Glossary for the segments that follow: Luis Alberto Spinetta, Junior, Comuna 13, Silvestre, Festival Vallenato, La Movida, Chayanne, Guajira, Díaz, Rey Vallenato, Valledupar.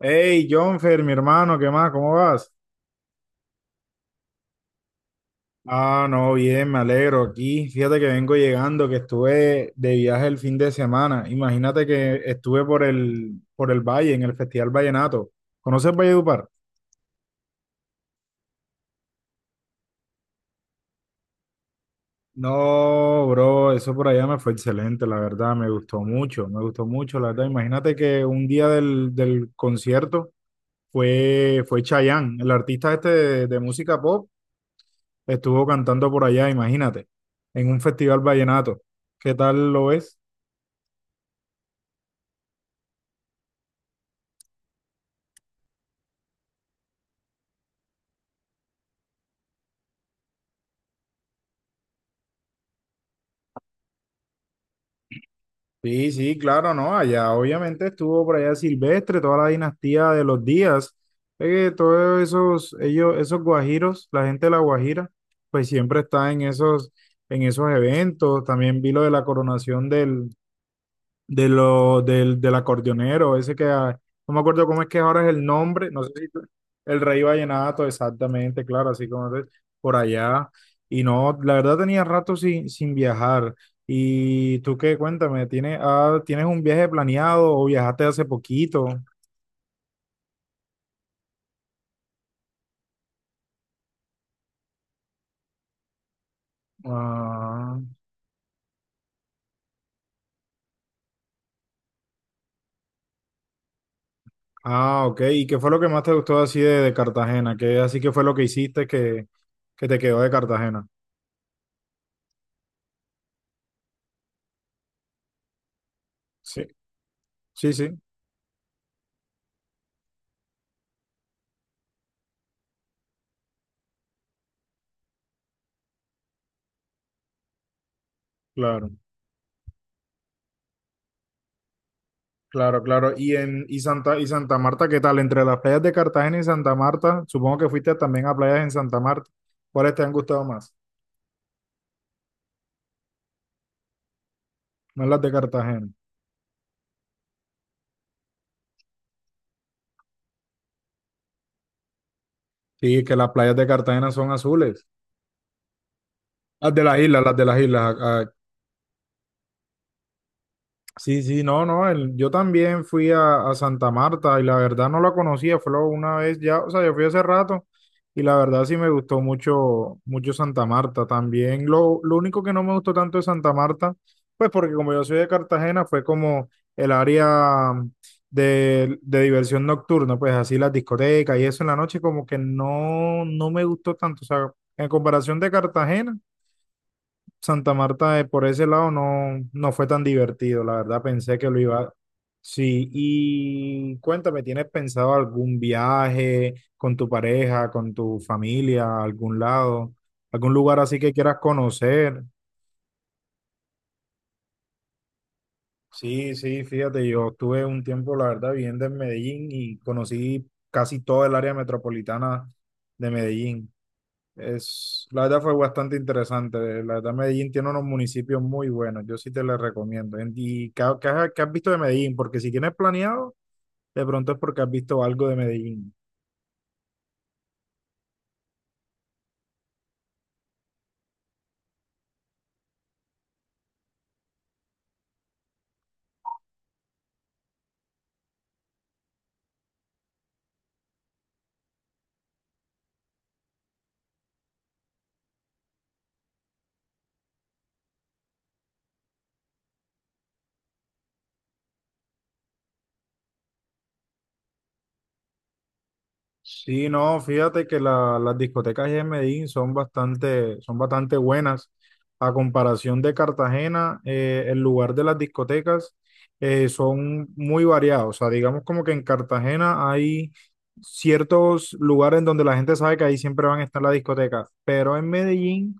Hey, Jonfer, mi hermano, ¿qué más? ¿Cómo vas? Ah, no, bien, me alegro aquí. Fíjate que vengo llegando, que estuve de viaje el fin de semana. Imagínate que estuve por el Valle, en el Festival Vallenato. ¿Conoces Valledupar? No, bro, eso por allá me fue excelente, la verdad, me gustó mucho, la verdad. Imagínate que un día del concierto fue Chayanne, el artista este de música pop. Estuvo cantando por allá, imagínate, en un festival vallenato. ¿Qué tal lo ves? Sí, sí, claro, no, allá obviamente estuvo por allá Silvestre, toda la dinastía de los Díaz, todos esos, ellos, esos guajiros, la gente de la Guajira, pues siempre está en esos eventos. También vi lo de la coronación del, de lo, del acordeonero, ese que, no me acuerdo cómo es que ahora es el nombre, no sé si tú- el Rey Vallenato, exactamente, claro, así como es por allá. Y no, la verdad tenía rato sin viajar. ¿Y tú qué? Cuéntame, ¿tienes un viaje planeado o viajaste hace poquito? Ah, ah, ok. ¿Y qué fue lo que más te gustó así de Cartagena? ¿Qué así que fue lo que hiciste que te quedó de Cartagena? Sí, sí, sí, claro. Claro, claro. Y Santa y Santa Marta, ¿qué tal? Entre las playas de Cartagena y Santa Marta, supongo que fuiste también a playas en Santa Marta. ¿Cuáles te han gustado más? No, las de Cartagena. Sí, que las playas de Cartagena son azules. Las de las islas, las de las islas. Sí, sí, no, no, el- yo también fui a Santa Marta y la verdad no la conocía, fue lo- una vez ya, o sea, yo fui hace rato y la verdad sí me gustó mucho, mucho Santa Marta. También lo único que no me gustó tanto de Santa Marta, pues porque como yo soy de Cartagena, fue como el área de diversión nocturna, pues así las discotecas y eso en la noche como que no, no me gustó tanto, o sea, en comparación de Cartagena. Santa Marta por ese lado no, no fue tan divertido, la verdad pensé que lo iba. Sí, y cuéntame, ¿tienes pensado algún viaje con tu pareja, con tu familia, a algún lado, algún lugar así que quieras conocer? Sí, sí, fíjate, yo estuve un tiempo, la verdad, viviendo en Medellín y conocí casi toda el área metropolitana de Medellín. Es, la verdad fue bastante interesante. La verdad, Medellín tiene unos municipios muy buenos. Yo sí te les recomiendo. En- ¿Y qué, qué has visto de Medellín? Porque si tienes planeado, de pronto es porque has visto algo de Medellín. Sí, no, fíjate que la- las discotecas en Medellín son bastante buenas. A comparación de Cartagena, el lugar de las discotecas son muy variados. O sea, digamos como que en Cartagena hay ciertos lugares en donde la gente sabe que ahí siempre van a estar las discotecas, pero en Medellín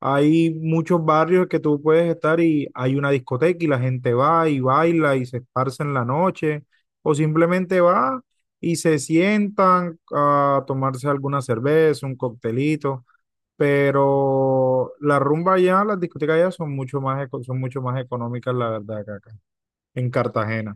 hay muchos barrios que tú puedes estar y hay una discoteca y la gente va y baila y se esparce en la noche o simplemente va y se sientan a tomarse alguna cerveza, un coctelito, pero la rumba allá, las discotecas allá son mucho más, eco- son mucho más económicas, la verdad, que acá, en Cartagena.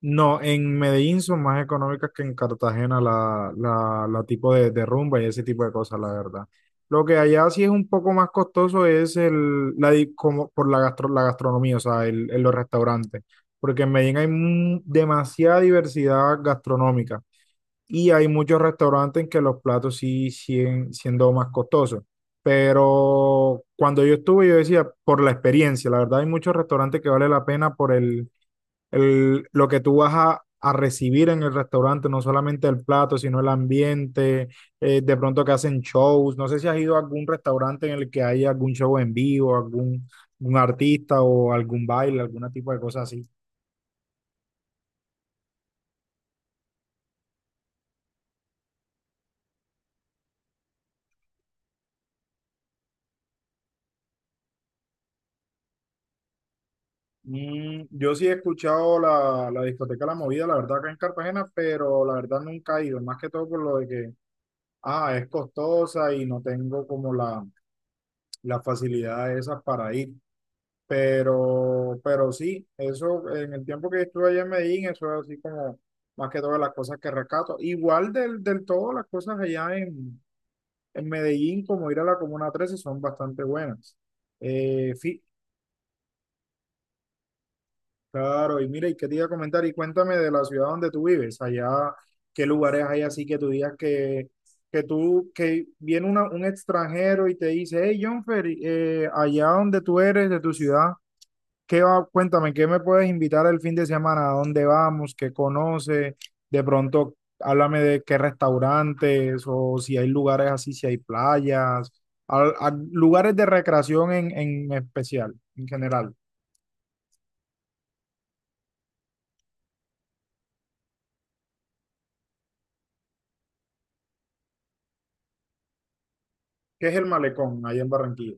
No, en Medellín son más económicas que en Cartagena la tipo de rumba y ese tipo de cosas, la verdad. Lo que allá sí es un poco más costoso es di- como por la, gastro- la gastronomía, o sea, el los restaurantes, porque en Medellín hay mu- demasiada diversidad gastronómica y hay muchos restaurantes en que los platos sí siguen siendo más costosos. Pero cuando yo estuve, yo decía, por la experiencia, la verdad hay muchos restaurantes que vale la pena por lo que tú vas a recibir en el restaurante, no solamente el plato, sino el ambiente, de pronto que hacen shows. No sé si has ido a algún restaurante en el que hay algún show en vivo, algún, algún artista o algún baile, algún tipo de cosa así. Mm, yo sí he escuchado la discoteca La Movida, la verdad, acá en Cartagena, pero la verdad nunca he ido, más que todo por lo de que, es costosa y no tengo como las facilidades esas para ir. Pero sí, eso en el tiempo que estuve allá en Medellín, eso es así como más que todas las cosas que rescato. Igual del todo, las cosas allá en Medellín, como ir a la Comuna 13, son bastante buenas. Fi- claro, y mira, y qué te iba a comentar, y cuéntame de la ciudad donde tú vives, allá, qué lugares hay así que tú digas que tú, que viene una- un extranjero y te dice, hey, Jonfer, allá donde tú eres, de tu ciudad. ¿Qué va? Cuéntame, ¿qué me puedes invitar el fin de semana? ¿A dónde vamos? ¿Qué conoces? De pronto, háblame de qué restaurantes o si hay lugares así, si hay playas, al- a- lugares de recreación en especial, en general. ¿Qué es el malecón allá en Barranquilla?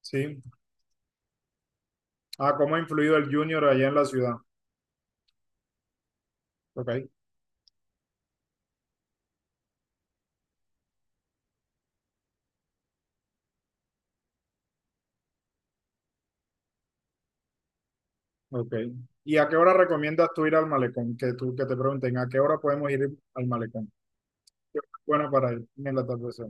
¿Sí? Ah, ¿cómo ha influido el Junior allá en la ciudad? Ok, ok. ¿Y a qué hora recomiendas tú ir al malecón? Que tú, que te pregunten, ¿a qué hora podemos ir al malecón? Bueno, para ir en el atardecer.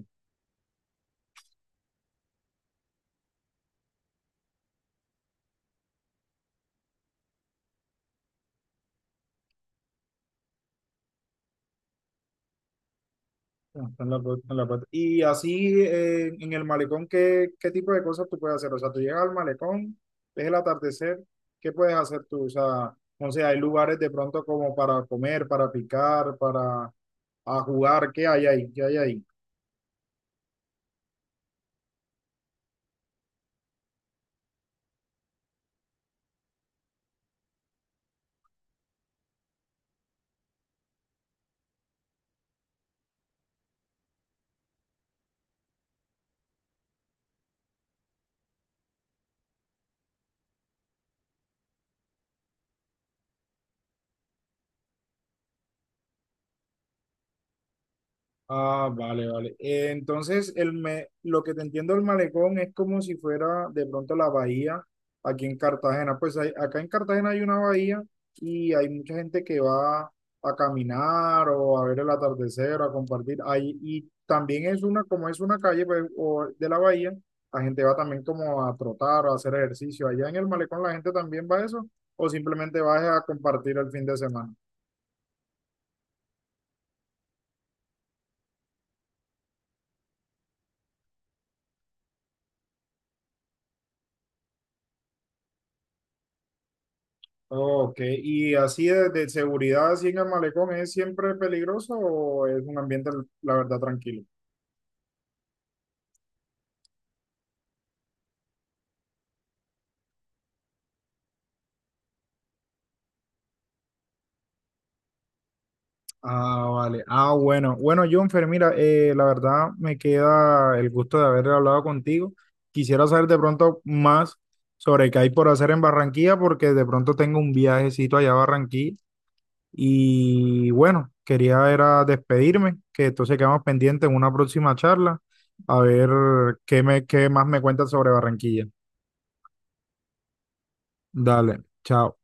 No, está en la costa, en la costa. Y así en el malecón, ¿qué, qué tipo de cosas tú puedes hacer? O sea, tú llegas al malecón, ves el atardecer, ¿qué puedes hacer tú? O sea, no sé, hay lugares de pronto como para comer, para picar, para a jugar, ¿qué hay ahí? ¿Qué hay ahí? Ah, vale, vale. Entonces, el me- lo que te entiendo del malecón es como si fuera de pronto la bahía aquí en Cartagena. Pues hay- acá en Cartagena hay una bahía y hay mucha gente que va a caminar o a ver el atardecer o a compartir ahí. Y también es una, como es una calle pues, o de la bahía, la gente va también como a trotar o a hacer ejercicio. Allá en el malecón la gente también va a eso o simplemente va a compartir el fin de semana. Ok, ¿y así de seguridad, así en el malecón, es siempre peligroso o es un ambiente, la verdad, tranquilo? Ah, vale. Ah, bueno. Bueno, Jonfer, mira, la verdad me queda el gusto de haber hablado contigo. Quisiera saber de pronto más sobre qué hay por hacer en Barranquilla, porque de pronto tengo un viajecito allá a Barranquilla. Y bueno, quería era despedirme, que entonces quedamos pendientes en una próxima charla, a ver qué, me, qué más me cuentas sobre Barranquilla. Dale, chao.